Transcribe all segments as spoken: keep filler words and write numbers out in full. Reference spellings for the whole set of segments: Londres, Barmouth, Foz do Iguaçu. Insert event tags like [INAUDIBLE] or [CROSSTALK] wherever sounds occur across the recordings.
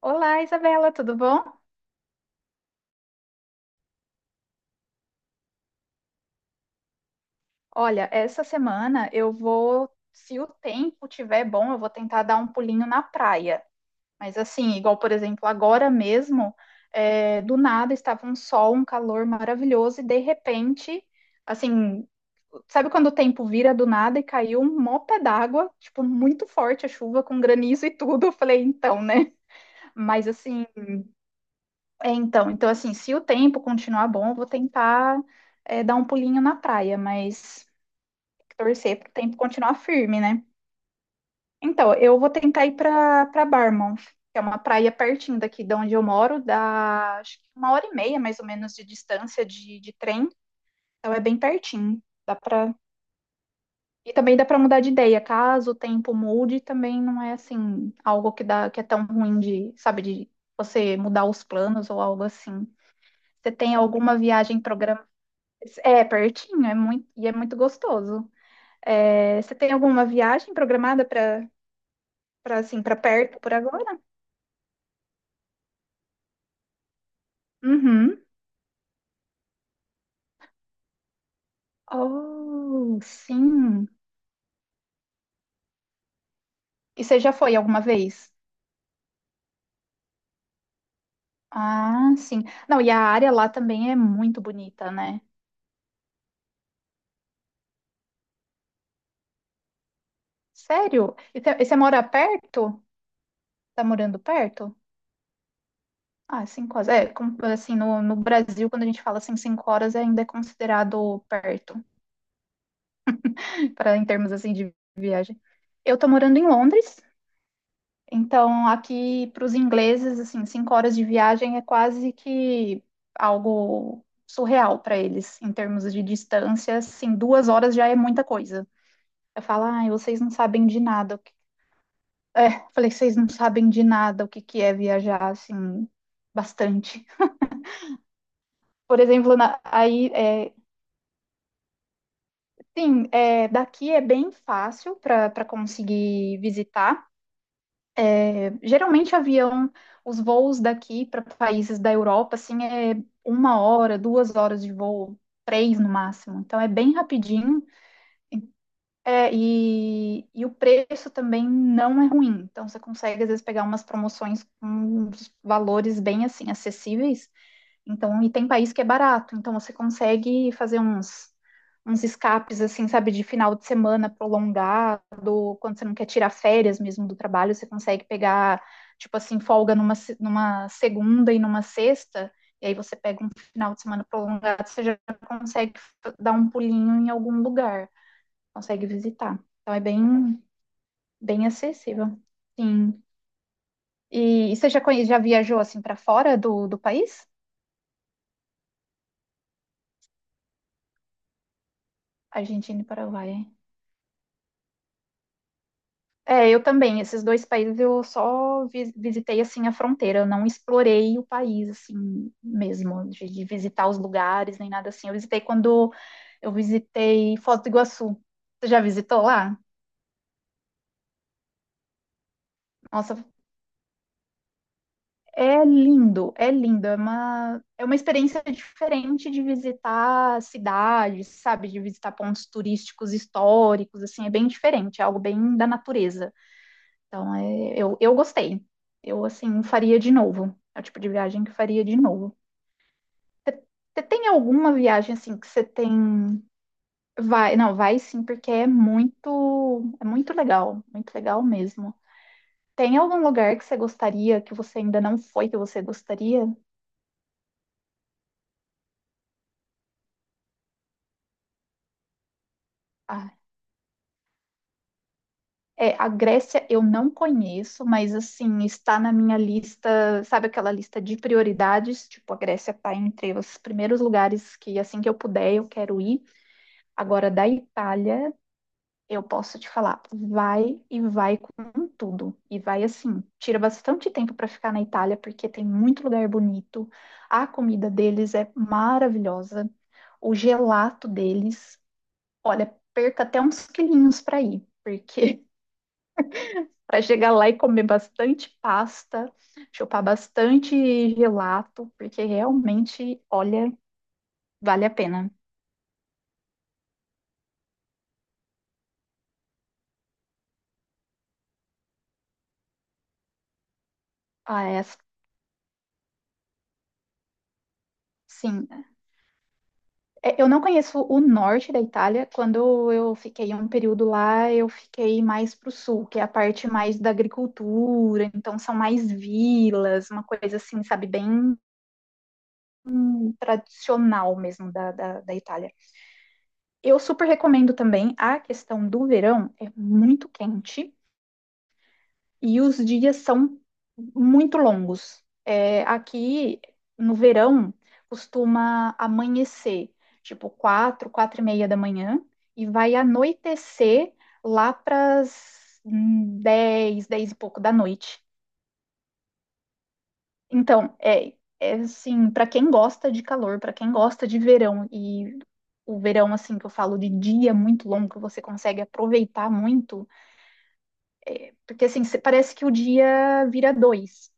Olá, Isabela, tudo bom? Olha, essa semana eu vou, se o tempo tiver bom, eu vou tentar dar um pulinho na praia. Mas assim, igual, por exemplo, agora mesmo, é, do nada estava um sol, um calor maravilhoso, e de repente, assim, sabe quando o tempo vira do nada e caiu um mopé d'água, tipo, muito forte a chuva, com granizo e tudo. Eu falei, então, né? Mas assim, é então, então assim, se o tempo continuar bom, eu vou tentar é, dar um pulinho na praia, mas torcer para o tempo continuar firme, né? Então, eu vou tentar ir para para Barmouth, que é uma praia pertinho daqui de onde eu moro, dá acho que uma hora e meia mais ou menos de distância de, de trem, então é bem pertinho. Dá para e também dá para mudar de ideia, caso o tempo mude, também não é assim algo que dá que é tão ruim de, sabe, de você mudar os planos ou algo assim. Você tem alguma viagem programada? É pertinho, é muito e é muito gostoso. É, você tem alguma viagem programada para Pra, assim, pra perto por agora? Uhum. Oh, sim. E você já foi alguma vez? Ah, sim. Não, e a área lá também é muito bonita, né? Sério? E você e você mora perto? Tá morando perto? Ah, cinco horas. É, como, assim, no, no Brasil, quando a gente fala assim, cinco horas ainda é considerado perto, [LAUGHS] para em termos assim de viagem. Eu tô morando em Londres. Então, aqui para os ingleses, assim, cinco horas de viagem é quase que algo surreal para eles, em termos de distância. Assim, duas horas já é muita coisa. Eu falo, ai, vocês não sabem de nada. o que-" [LAUGHS] É, falei, vocês não sabem de nada o que que é viajar, assim, bastante. Por exemplo, na- aí, é, sim, é, daqui é bem fácil para para conseguir visitar. Geralmente avião, os voos daqui para países da Europa, assim, é uma hora, duas horas de voo, três no máximo. Então é bem rapidinho. É, e, e o preço também não é ruim. Então você consegue, às vezes, pegar umas promoções com uns valores bem, assim, acessíveis. Então, e tem país que é barato, então você consegue fazer uns, uns escapes, assim, sabe, de final de semana prolongado, quando você não quer tirar férias mesmo do trabalho, você consegue pegar, tipo assim, folga numa, se- numa segunda e numa sexta, e aí você pega um final de semana prolongado, você já consegue f- dar um pulinho em algum lugar, consegue visitar. Então, é bem, bem acessível. Sim. E, e você já, conhe- já viajou, assim, para fora do, do país? Argentina e Paraguai. É, eu também. Esses dois países eu só vi- visitei assim a fronteira, eu não explorei o país assim mesmo, de, de visitar os lugares nem nada assim. Eu visitei quando eu visitei Foz do Iguaçu. Você já visitou lá? Nossa, é lindo, é lindo. É uma, é uma experiência diferente de visitar cidades, sabe? De visitar pontos turísticos históricos, assim, é bem diferente, é algo bem da natureza. Então, é, eu, eu gostei. Eu, assim, faria de novo. É o tipo de viagem que eu faria de novo. Você tem alguma viagem, assim, que você tem... Vai, não, vai sim, porque é muito, é muito legal. Muito legal mesmo. Tem algum lugar que você gostaria, que você ainda não foi, que você gostaria? Ah, é, a Grécia eu não conheço, mas, assim, está na minha lista, sabe aquela lista de prioridades? Tipo, a Grécia está entre os primeiros lugares que, assim que eu puder, eu quero ir. Agora, da Itália... Eu posso te falar, vai e vai com tudo. E vai assim, tira bastante tempo para ficar na Itália, porque tem muito lugar bonito. A comida deles é maravilhosa. O gelato deles, olha, perca até uns quilinhos para ir, porque [LAUGHS] para chegar lá e comer bastante pasta, chupar bastante gelato, porque realmente, olha, vale a pena. Ah, é, sim, É, Eu não conheço o norte da Itália. Quando eu fiquei um período lá, eu fiquei mais para o sul, que é a parte mais da agricultura. Então, são mais vilas, uma coisa assim, sabe, bem hum, tradicional mesmo da, da, da Itália. Eu super recomendo também a questão do verão, é muito quente. E os dias são muito longos. É, aqui no verão costuma amanhecer, tipo quatro, quatro e meia da manhã, e vai anoitecer lá para as dez, dez e pouco da noite. Então, é, é assim, para quem gosta de calor, para quem gosta de verão, e o verão, assim, que eu falo de dia muito longo, que você consegue aproveitar muito, porque assim, cê- parece que o dia vira dois.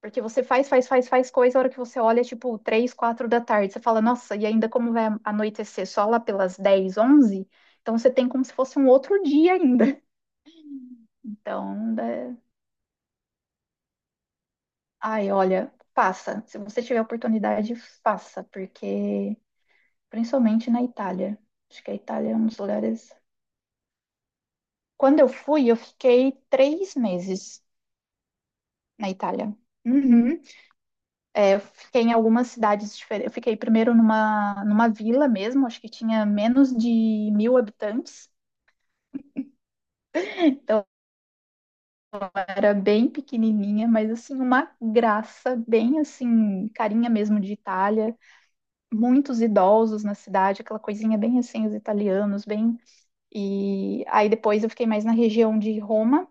Porque você faz, faz, faz, faz coisa, a hora que você olha, é tipo, três, quatro da tarde, você fala, nossa, e ainda como vai anoitecer só lá pelas dez, onze. Então você tem como se fosse um outro dia ainda. [LAUGHS] Então, né? Ai, olha, faça. Se você tiver oportunidade, faça, porque principalmente na Itália. Acho que a Itália é um dos lugares. Quando eu fui, eu fiquei três meses na Itália. Uhum. É, eu fiquei em algumas cidades diferentes. Eu fiquei primeiro numa, numa vila mesmo, acho que tinha menos de mil habitantes. Então era bem pequenininha, mas assim, uma graça, bem assim, carinha mesmo de Itália. Muitos idosos na cidade, aquela coisinha bem assim, os italianos, bem. E aí depois eu fiquei mais na região de Roma.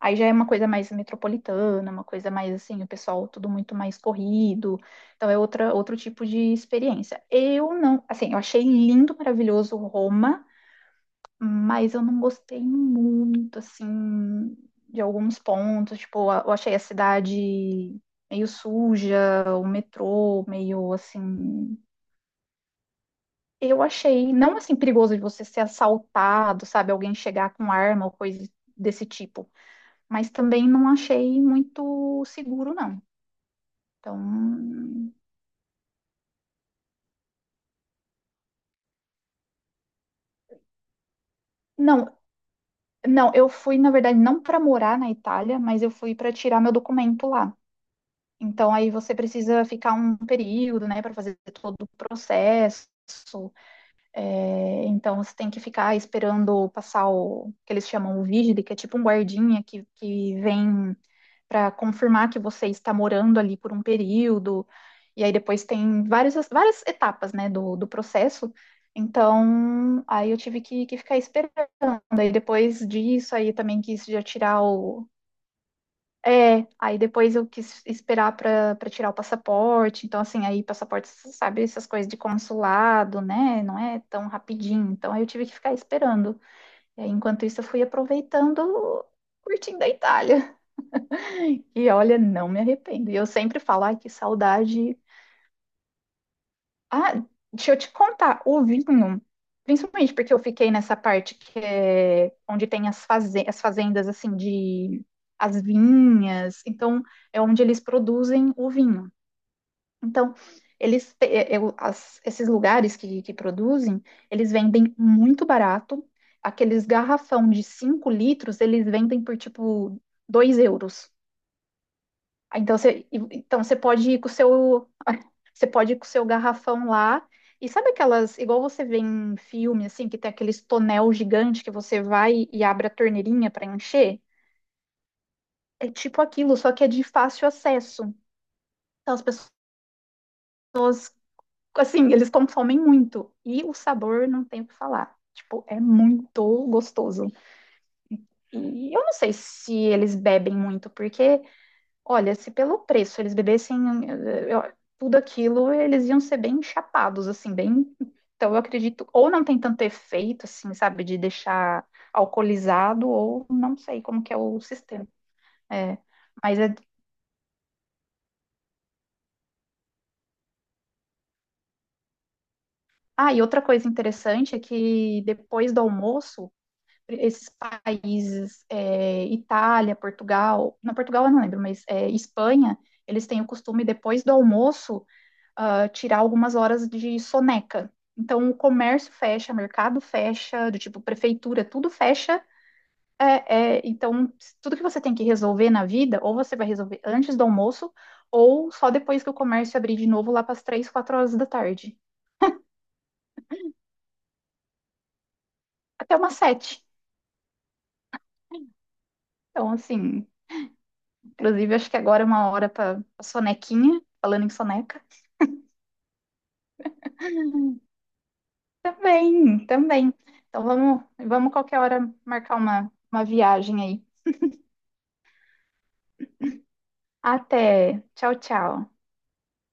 Aí já é uma coisa mais metropolitana, uma coisa mais assim, o pessoal tudo muito mais corrido. Então é outra, outro tipo de experiência. Eu não, assim, eu achei lindo, maravilhoso Roma, mas eu não gostei muito, assim, de alguns pontos. Tipo, eu achei a cidade meio suja, o metrô meio assim. Eu achei, não assim, perigoso de você ser assaltado, sabe? Alguém chegar com arma ou coisa desse tipo, mas também não achei muito seguro, não. Então, não, não, eu fui, na verdade, não para morar na Itália, mas eu fui para tirar meu documento lá. Então, aí você precisa ficar um período, né, para fazer todo o processo. É, então você tem que ficar esperando passar o que eles chamam o vigile, que é tipo um guardinha que, que vem para confirmar que você está morando ali por um período. E aí depois tem várias, várias etapas, né, do, do processo. Então, aí eu tive que, que ficar esperando. Aí depois disso, aí também quis já tirar o, é, aí depois eu quis esperar para para tirar o passaporte. Então, assim, aí passaporte, você sabe, essas coisas de consulado, né? Não é tão rapidinho. Então, aí eu tive que ficar esperando. E aí, enquanto isso, eu fui aproveitando, curtindo a Itália. [LAUGHS] E olha, não me arrependo. E eu sempre falo, ai, que saudade. Ah, deixa eu te contar, o vinho, principalmente porque eu fiquei nessa parte que é onde tem as, faze as fazendas assim de as vinhas, então é onde eles produzem o vinho. Então, eles te- é- é o- as- esses lugares que, que produzem, eles vendem muito barato. Aqueles garrafão de cinco litros, eles vendem por tipo dois euros. Ah, então você, então você pode ir com o seu você pode ir com o seu garrafão lá. E sabe aquelas, igual você vê em filme, assim, que tem aqueles tonel gigante que você vai e abre a torneirinha para encher? É tipo aquilo, só que é de fácil acesso. Então as pessoas, assim, eles consomem muito. E o sabor não tem o que falar. Tipo, é muito gostoso. E eu não sei se eles bebem muito, porque Olha, se pelo preço eles bebessem eh, eu- tudo aquilo, eles iam ser bem chapados, assim, bem. Então, eu acredito, ou não tem tanto efeito, assim, sabe, de deixar alcoolizado, ou não sei como que é o sistema. É, mas é. Ah, e outra coisa interessante é que depois do almoço, esses países, eh, Itália, Portugal, não, Portugal eu não lembro, mas eh, Espanha, eles têm o costume, depois do almoço, ah, tirar algumas horas de soneca. Então, o comércio fecha, mercado fecha, do tipo prefeitura, tudo fecha. É, é, então, tudo que você tem que resolver na vida, ou você vai resolver antes do almoço, ou só depois que o comércio abrir de novo lá para as três, quatro horas da tarde, até umas sete. Então, assim, inclusive, acho que agora é uma hora para sonequinha, falando em soneca. Também, também. Então, vamos, vamos qualquer hora marcar uma, uma viagem aí. Até. Tchau, tchau.